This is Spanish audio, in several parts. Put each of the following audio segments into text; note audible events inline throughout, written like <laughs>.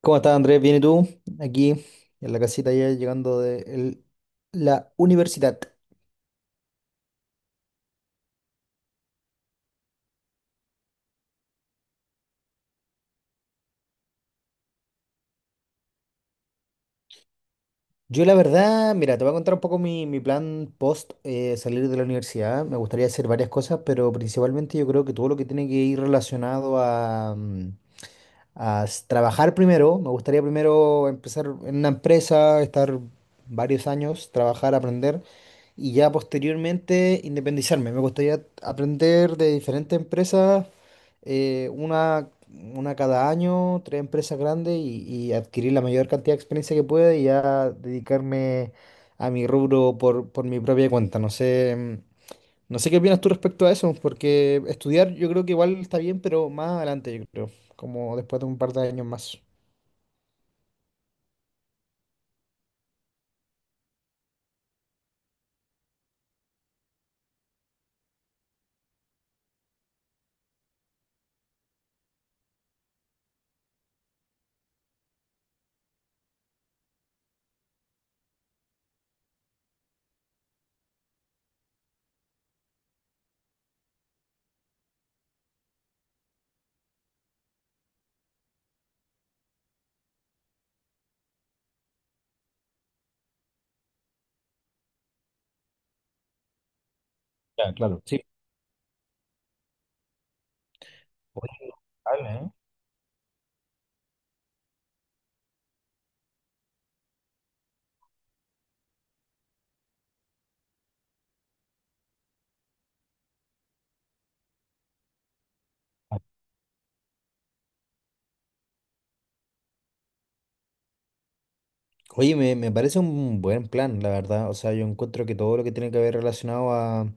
¿Cómo estás, Andrés? ¿Bien y tú? Aquí en la casita ya llegando de la universidad. Yo la verdad, mira, te voy a contar un poco mi plan post salir de la universidad. Me gustaría hacer varias cosas, pero principalmente yo creo que todo lo que tiene que ir relacionado a trabajar primero. Me gustaría primero empezar en una empresa, estar varios años, trabajar, aprender y ya posteriormente independizarme. Me gustaría aprender de diferentes empresas, eh, una, una cada año, tres empresas grandes y adquirir la mayor cantidad de experiencia que pueda y ya dedicarme a mi rubro por mi propia cuenta. No sé. No sé qué opinas tú respecto a eso, porque estudiar yo creo que igual está bien, pero más adelante, yo creo, como después de un par de años más. Ya, claro. Sí. Oye, vale, ¿eh? Ah, oye, me parece un buen plan, la verdad. O sea, yo encuentro que todo lo que tiene que ver relacionado a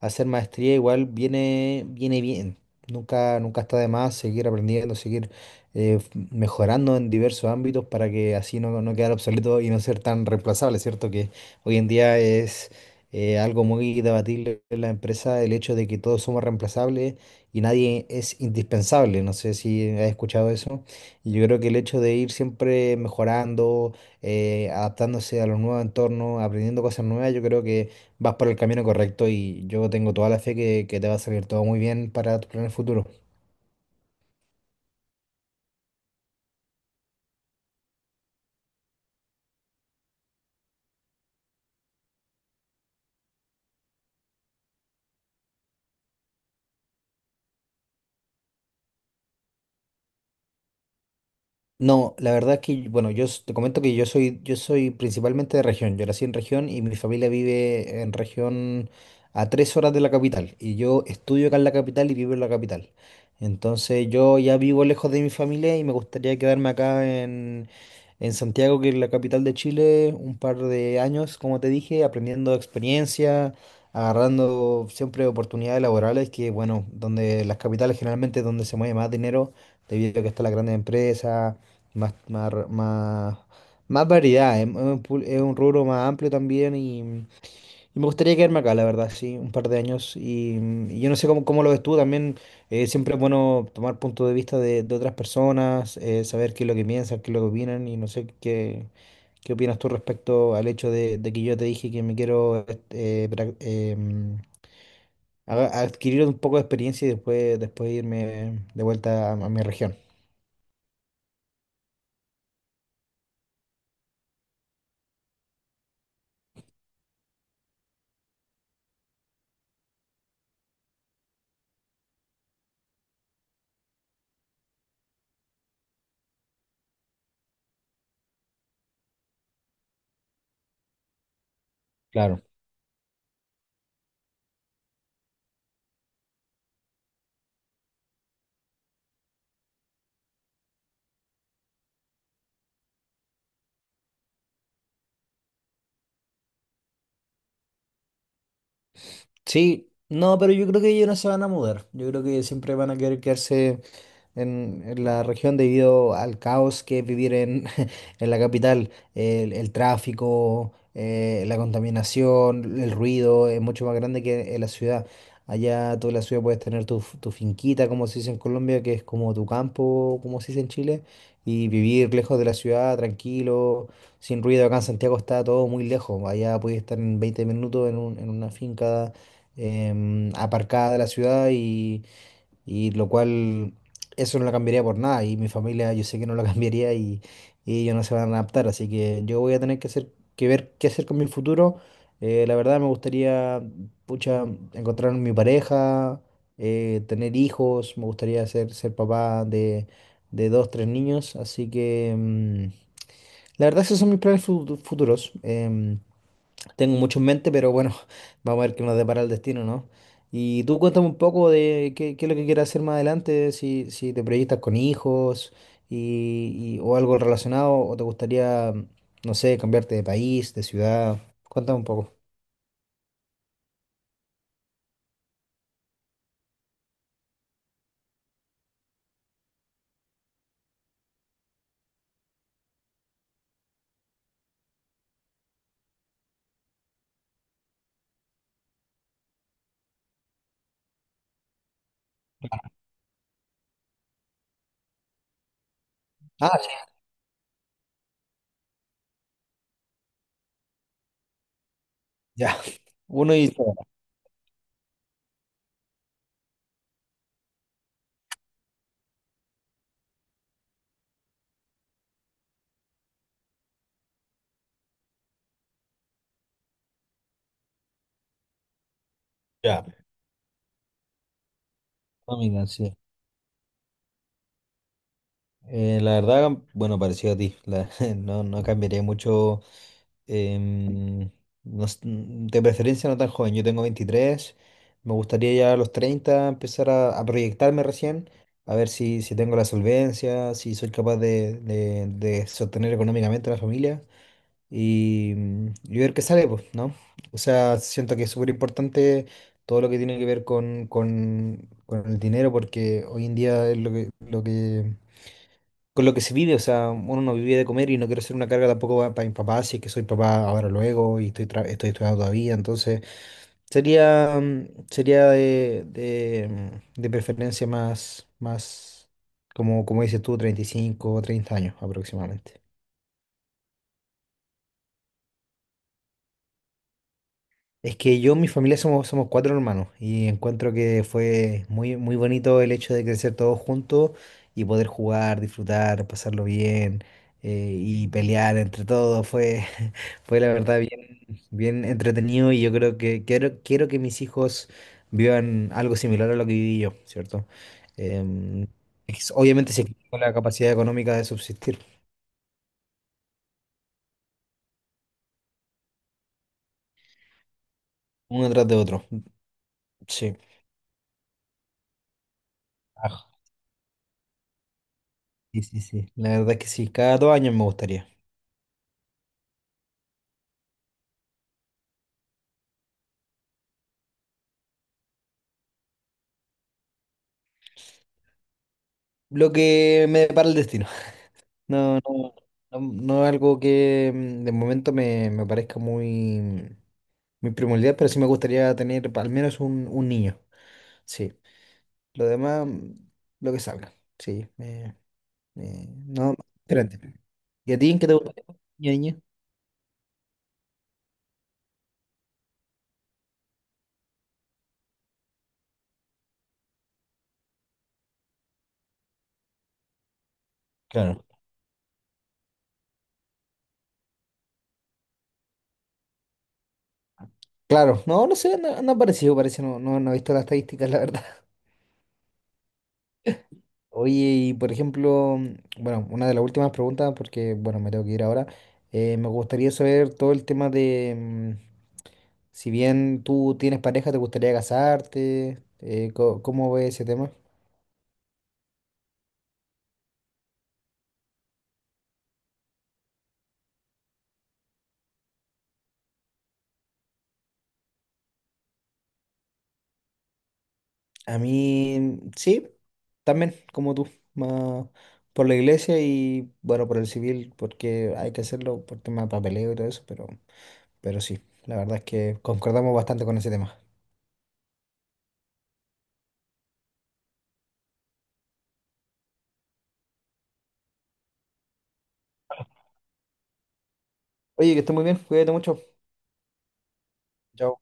hacer maestría igual viene bien. Nunca, nunca está de más seguir aprendiendo, seguir mejorando en diversos ámbitos para que así no quedar obsoleto y no ser tan reemplazable, ¿cierto? Que hoy en día es algo muy debatible en la empresa el hecho de que todos somos reemplazables y nadie es indispensable. No sé si has escuchado eso. Y yo creo que el hecho de ir siempre mejorando, adaptándose a los nuevos entornos, aprendiendo cosas nuevas, yo creo que vas por el camino correcto y yo tengo toda la fe que te va a salir todo muy bien para tus planes futuros. No, la verdad es que, bueno, te comento que yo soy principalmente de región. Yo nací en región y mi familia vive en región a 3 horas de la capital. Y yo estudio acá en la capital y vivo en la capital. Entonces yo ya vivo lejos de mi familia y me gustaría quedarme acá en Santiago, que es la capital de Chile, un par de años, como te dije, aprendiendo experiencia, agarrando siempre oportunidades laborales, que bueno, donde las capitales generalmente es donde se mueve más dinero, debido a que están las grandes empresas más, más, r- más, más variedad, es un rubro más amplio también y me gustaría quedarme acá, la verdad, sí, un par de años. Y yo no sé cómo lo ves tú también, siempre es bueno tomar punto de vista de otras personas, saber qué es lo que piensan, qué es lo que opinan y no sé qué opinas tú respecto al hecho de que yo te dije que me quiero adquirir un poco de experiencia y después, después irme de vuelta a mi región. Claro. Sí, no, pero yo creo que ellos no se van a mudar. Yo creo que siempre van a querer quedarse en la región debido al caos que es vivir en, <laughs> en la capital. El tráfico, la contaminación, el ruido es mucho más grande que en la ciudad. Allá tú en la ciudad puedes tener tu finquita, como se dice en Colombia, que es como tu campo, como se dice en Chile, y vivir lejos de la ciudad, tranquilo sin ruido. Acá en Santiago está todo muy lejos. Allá puedes estar en 20 minutos en una finca, aparcada de la ciudad, y lo cual eso no lo cambiaría por nada, y mi familia yo sé que no lo <laughs> cambiaría, y ellos no se van a adaptar, así que yo voy a tener que ver qué hacer con mi futuro. La verdad me gustaría, pucha, encontrar mi pareja, tener hijos, me gustaría ser papá de dos, tres niños, así que. La verdad, esos son mis planes futuros. Tengo mucho en mente, pero bueno, <laughs> vamos a ver qué nos depara el destino, ¿no? Y tú cuéntame un poco de qué es lo que quieres hacer más adelante, si te proyectas con hijos o algo relacionado, o te gustaría, no sé, cambiarte de país, de ciudad. Cuéntame un poco. Ah, ya, uno y ya. No, mira, sí. La verdad, bueno, parecido a ti. <laughs> No cambiaría mucho. Em, no s- mm, De preferencia no tan joven, yo tengo 23, me gustaría ya a los 30 empezar a proyectarme recién, a ver si tengo la solvencia, si soy capaz de sostener económicamente a la familia y ver qué sale, pues, ¿no? O sea, siento que es súper importante todo lo que tiene que ver con el dinero porque hoy en día es lo que con lo que se vive, o sea, uno no vive de comer y no quiero ser una carga tampoco para mi papá, si es que soy papá ahora o luego y estoy estudiando todavía, entonces sería de preferencia más, como dices tú, 35 o 30 años aproximadamente. Es que yo, mi familia somos cuatro hermanos y encuentro que fue muy, muy bonito el hecho de crecer todos juntos y poder jugar, disfrutar, pasarlo bien, y pelear entre todos. Fue la verdad bien, bien entretenido y yo creo que quiero que mis hijos vivan algo similar a lo que viví yo, ¿cierto? Em, Obviamente se quedó con la capacidad económica de subsistir, uno tras de otro. Sí. Ah, sí, sí, sí. La verdad es que sí, cada 2 años me gustaría. Lo que me depara el destino. <laughs> No, no, No, es algo que de momento me parezca muy, muy primordial, pero sí me gustaría tener al menos un niño. Sí. Lo demás, lo que salga. Sí, no, diferente. ¿Y a ti en qué te gusta, niño, niña? Claro. Claro, no sé, no ha parecido, parece, no he visto las estadísticas, la verdad. <laughs> Oye, y por ejemplo, bueno, una de las últimas preguntas, porque, bueno, me tengo que ir ahora, me gustaría saber todo el tema de, si bien tú tienes pareja, ¿te gustaría casarte? ¿Cómo ves ese tema? A mí, sí, también, como tú, más por la iglesia y, bueno, por el civil, porque hay que hacerlo por tema de papeleo y todo eso, pero, sí, la verdad es que concordamos bastante con ese tema. Oye, que estés muy bien, cuídate mucho. Chao.